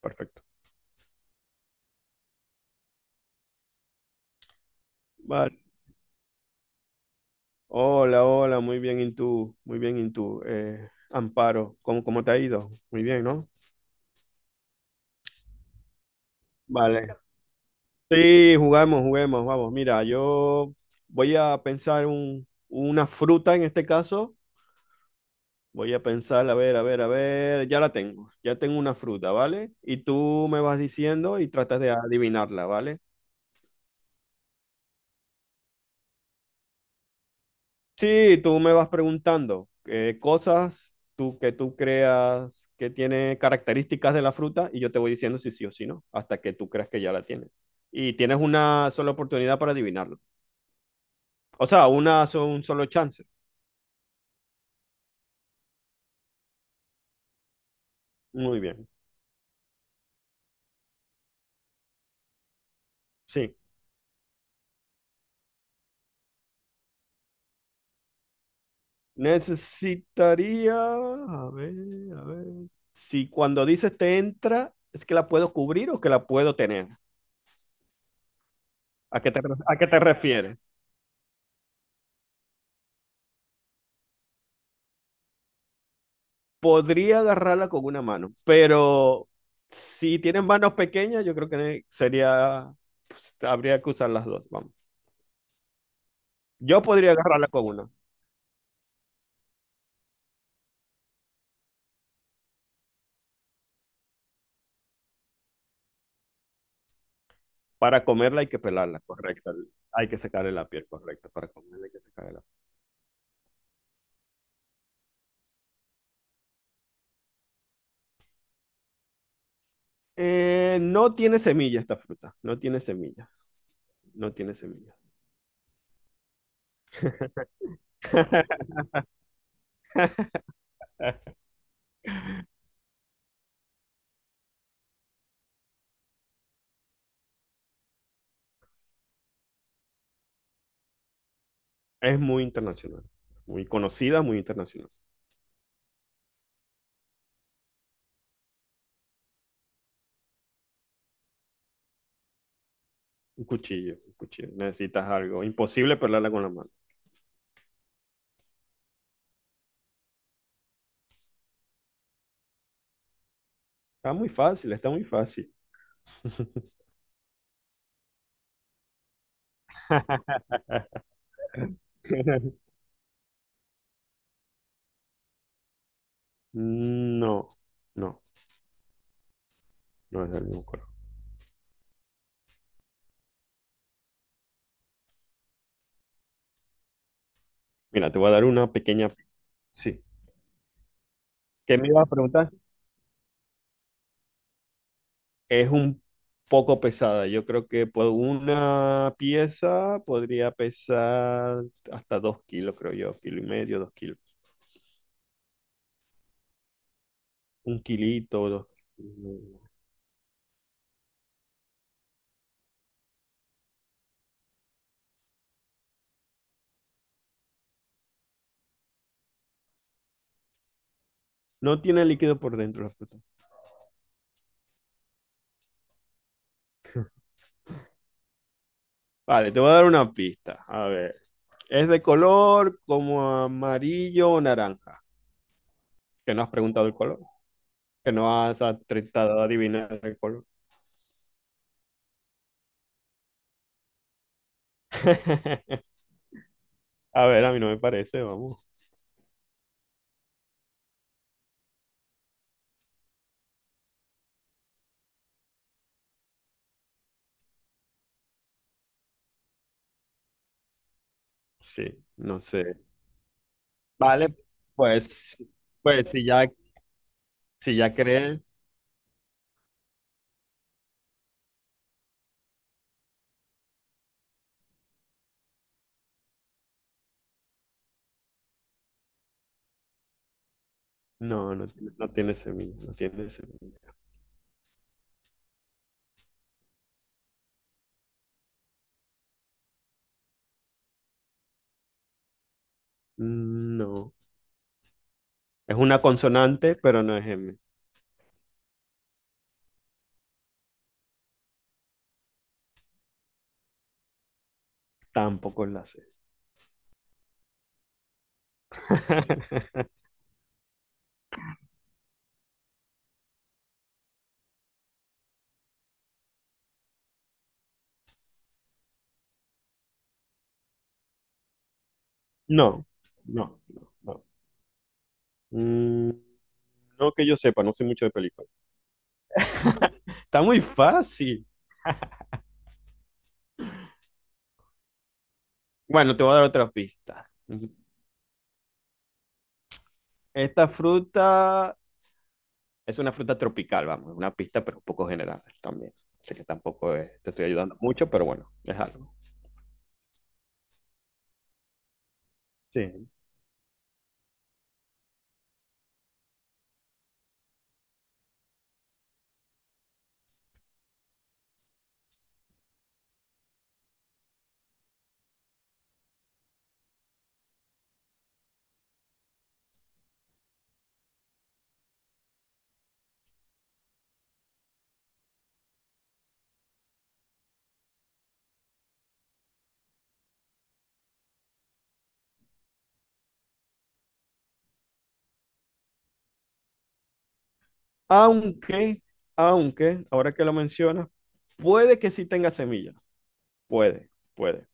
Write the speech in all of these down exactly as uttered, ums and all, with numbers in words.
Perfecto. Vale. Hola, hola, muy bien, ¿y tú? Muy bien, ¿y tú? Eh, Amparo, ¿cómo, cómo te ha ido? Muy bien, ¿no? Vale. Sí, jugamos, juguemos, vamos. Mira, yo voy a pensar un- una fruta en este caso. Voy a pensar, a ver, a ver, a ver. Ya la tengo, ya tengo una fruta, ¿vale? Y tú me vas diciendo y tratas de adivinarla, ¿vale? Sí, tú me vas preguntando eh, cosas tú, que tú creas que tiene características de la fruta y yo te voy diciendo si sí o si no, hasta que tú creas que ya la tienes. Y tienes una sola oportunidad para adivinarlo. O sea, una, so- un solo chance. Muy bien. Sí. Necesitaría, a ver, a ver. Si cuando dices te entra, ¿es que la puedo cubrir o que la puedo tener? ¿A qué te, re- a qué te refieres? Podría agarrarla con una mano, pero si tienen manos pequeñas, yo creo que sería, pues, habría que usar las dos, vamos. Yo podría agarrarla con una. Para comerla hay que pelarla, correcto. Hay que sacarle la piel, correcto. Para comerla hay que sacarle la piel. Eh, no tiene semilla esta fruta, no tiene semillas, no tiene semillas. Es muy internacional, muy conocida, muy internacional. Un cuchillo, un cuchillo. Necesitas algo. Imposible pelarla con la mano. Está muy fácil, está muy fácil. No, no, no es del mismo color. Mira, te voy a dar una pequeña. Sí. ¿Qué me ibas a preguntar? Es un poco pesada. Yo creo que por una pieza podría pesar hasta dos kilos, creo yo. Kilo y medio, dos kilos. Un kilito, dos kilos. No tiene líquido por dentro la fruta. Vale, te voy a dar una pista. A ver. Es de color como amarillo o naranja. Que no has preguntado el color. Que no has tratado de adivinar el color. A ver, a mí no me parece, vamos. Sí, no sé. Vale, pues, pues si ya, si ya crees. No, no tiene, no tiene semilla, no tiene semilla. Mm, no. Es una consonante, pero no es M. Tampoco es la C. No, no, no, no. Mm, no que yo sepa, no sé mucho de películas. Está muy fácil. Bueno, te voy a dar otra pista. Esta fruta es una fruta tropical, vamos, una pista, pero un poco general también. Sé que tampoco eh, te estoy ayudando mucho, pero bueno, es algo. Sí. Aunque, aunque, ahora que lo mencionas, puede que sí tenga semillas. Puede, puede.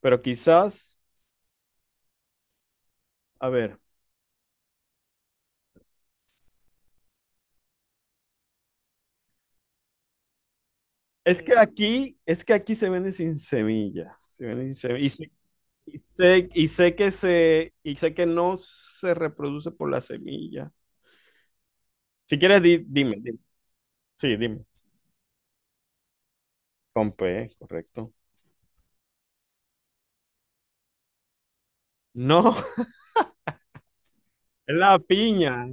Pero quizás, a ver, es que aquí, es que aquí se vende sin semilla. Se vende sin semilla. Y sé, y sé, y sé que se, y sé que no se reproduce por la semilla. Si quieres, di- dime, dime. Sí, dime. Con P, correcto. No, es la piña,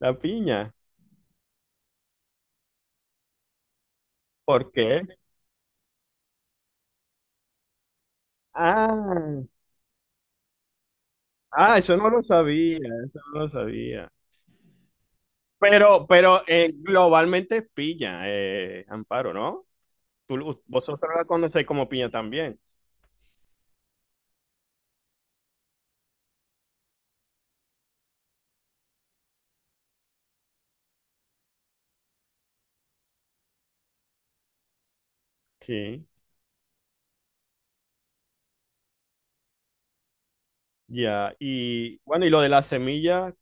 la piña. ¿Por qué? Ah, ah, eso no lo sabía, eso no lo sabía. Pero, pero eh, globalmente es piña, eh, Amparo, ¿no? Tú, lo- vosotros la conocéis como piña también. Sí, ya. Y bueno, y lo de las semillas,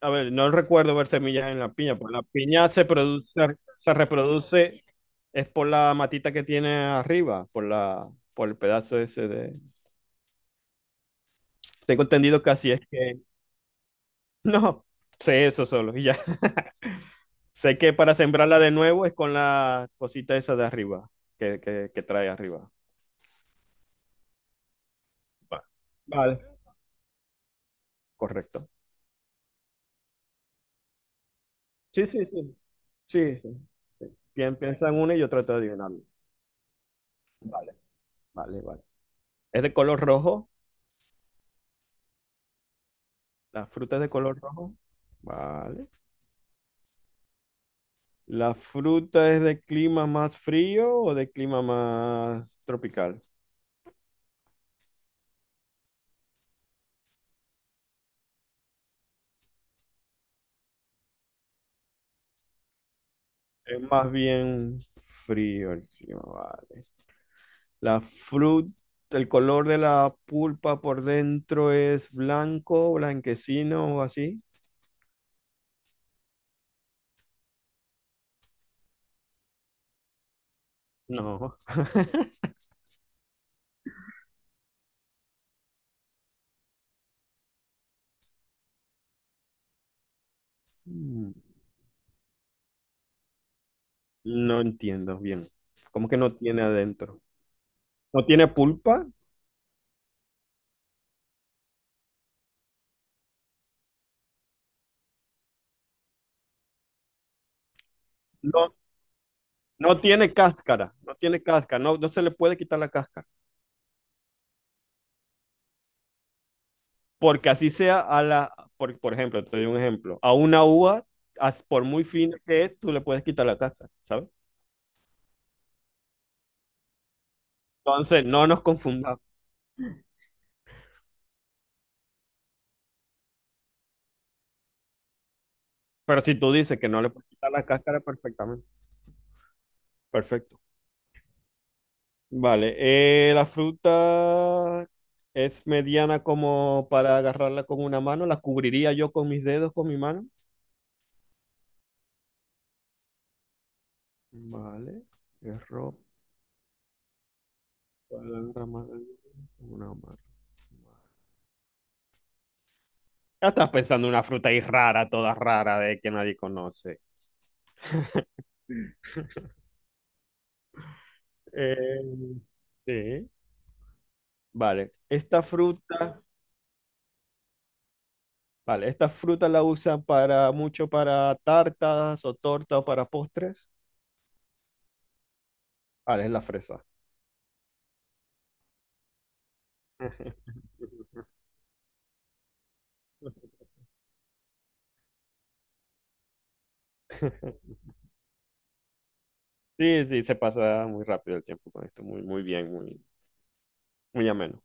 a ver, no recuerdo ver semillas en la piña, porque la piña se produce, se reproduce, es por la matita que tiene arriba, por la, por el pedazo ese de. Tengo entendido que así es que no, sé eso solo y ya. Sé que para sembrarla de nuevo es con la cosita esa de arriba, que, que, que trae arriba. Va, vale, correcto. Sí, sí, sí. Sí, sí. Bien, piensa en una y yo trato de adivinarlo. Vale, vale, vale. ¿Es de color rojo? ¿La fruta es de color rojo? Vale. ¿La fruta es de clima más frío o de clima más tropical? Es más bien frío el clima, vale. La fruta, el color de la pulpa por dentro es blanco, blanquecino o así. No, mm, no entiendo bien. ¿Cómo que no tiene adentro? ¿No tiene pulpa? No, no tiene cáscara, no tiene cáscara, no, no se le puede quitar la cáscara. Porque así sea a la, por, por ejemplo, te doy un ejemplo, a una uva, as- por muy fina que es, tú le puedes quitar la cáscara, ¿sabes? Entonces, no nos confundamos. Pero si tú dices que no le puedes quitar la cáscara, perfectamente. Perfecto. Vale, eh, la fruta es mediana como para agarrarla con una mano, la cubriría yo con mis dedos, con mi mano. Vale, es ropa, rama- una mano. Ya estás pensando en una fruta ahí rara, toda rara, de que nadie conoce. Eh, sí. Vale, esta fruta, vale, esta fruta la usan para mucho para tartas o tortas o para postres. Vale, es la fresa. Sí, sí, se pasa muy rápido el tiempo con esto, muy, muy bien, muy, muy ameno.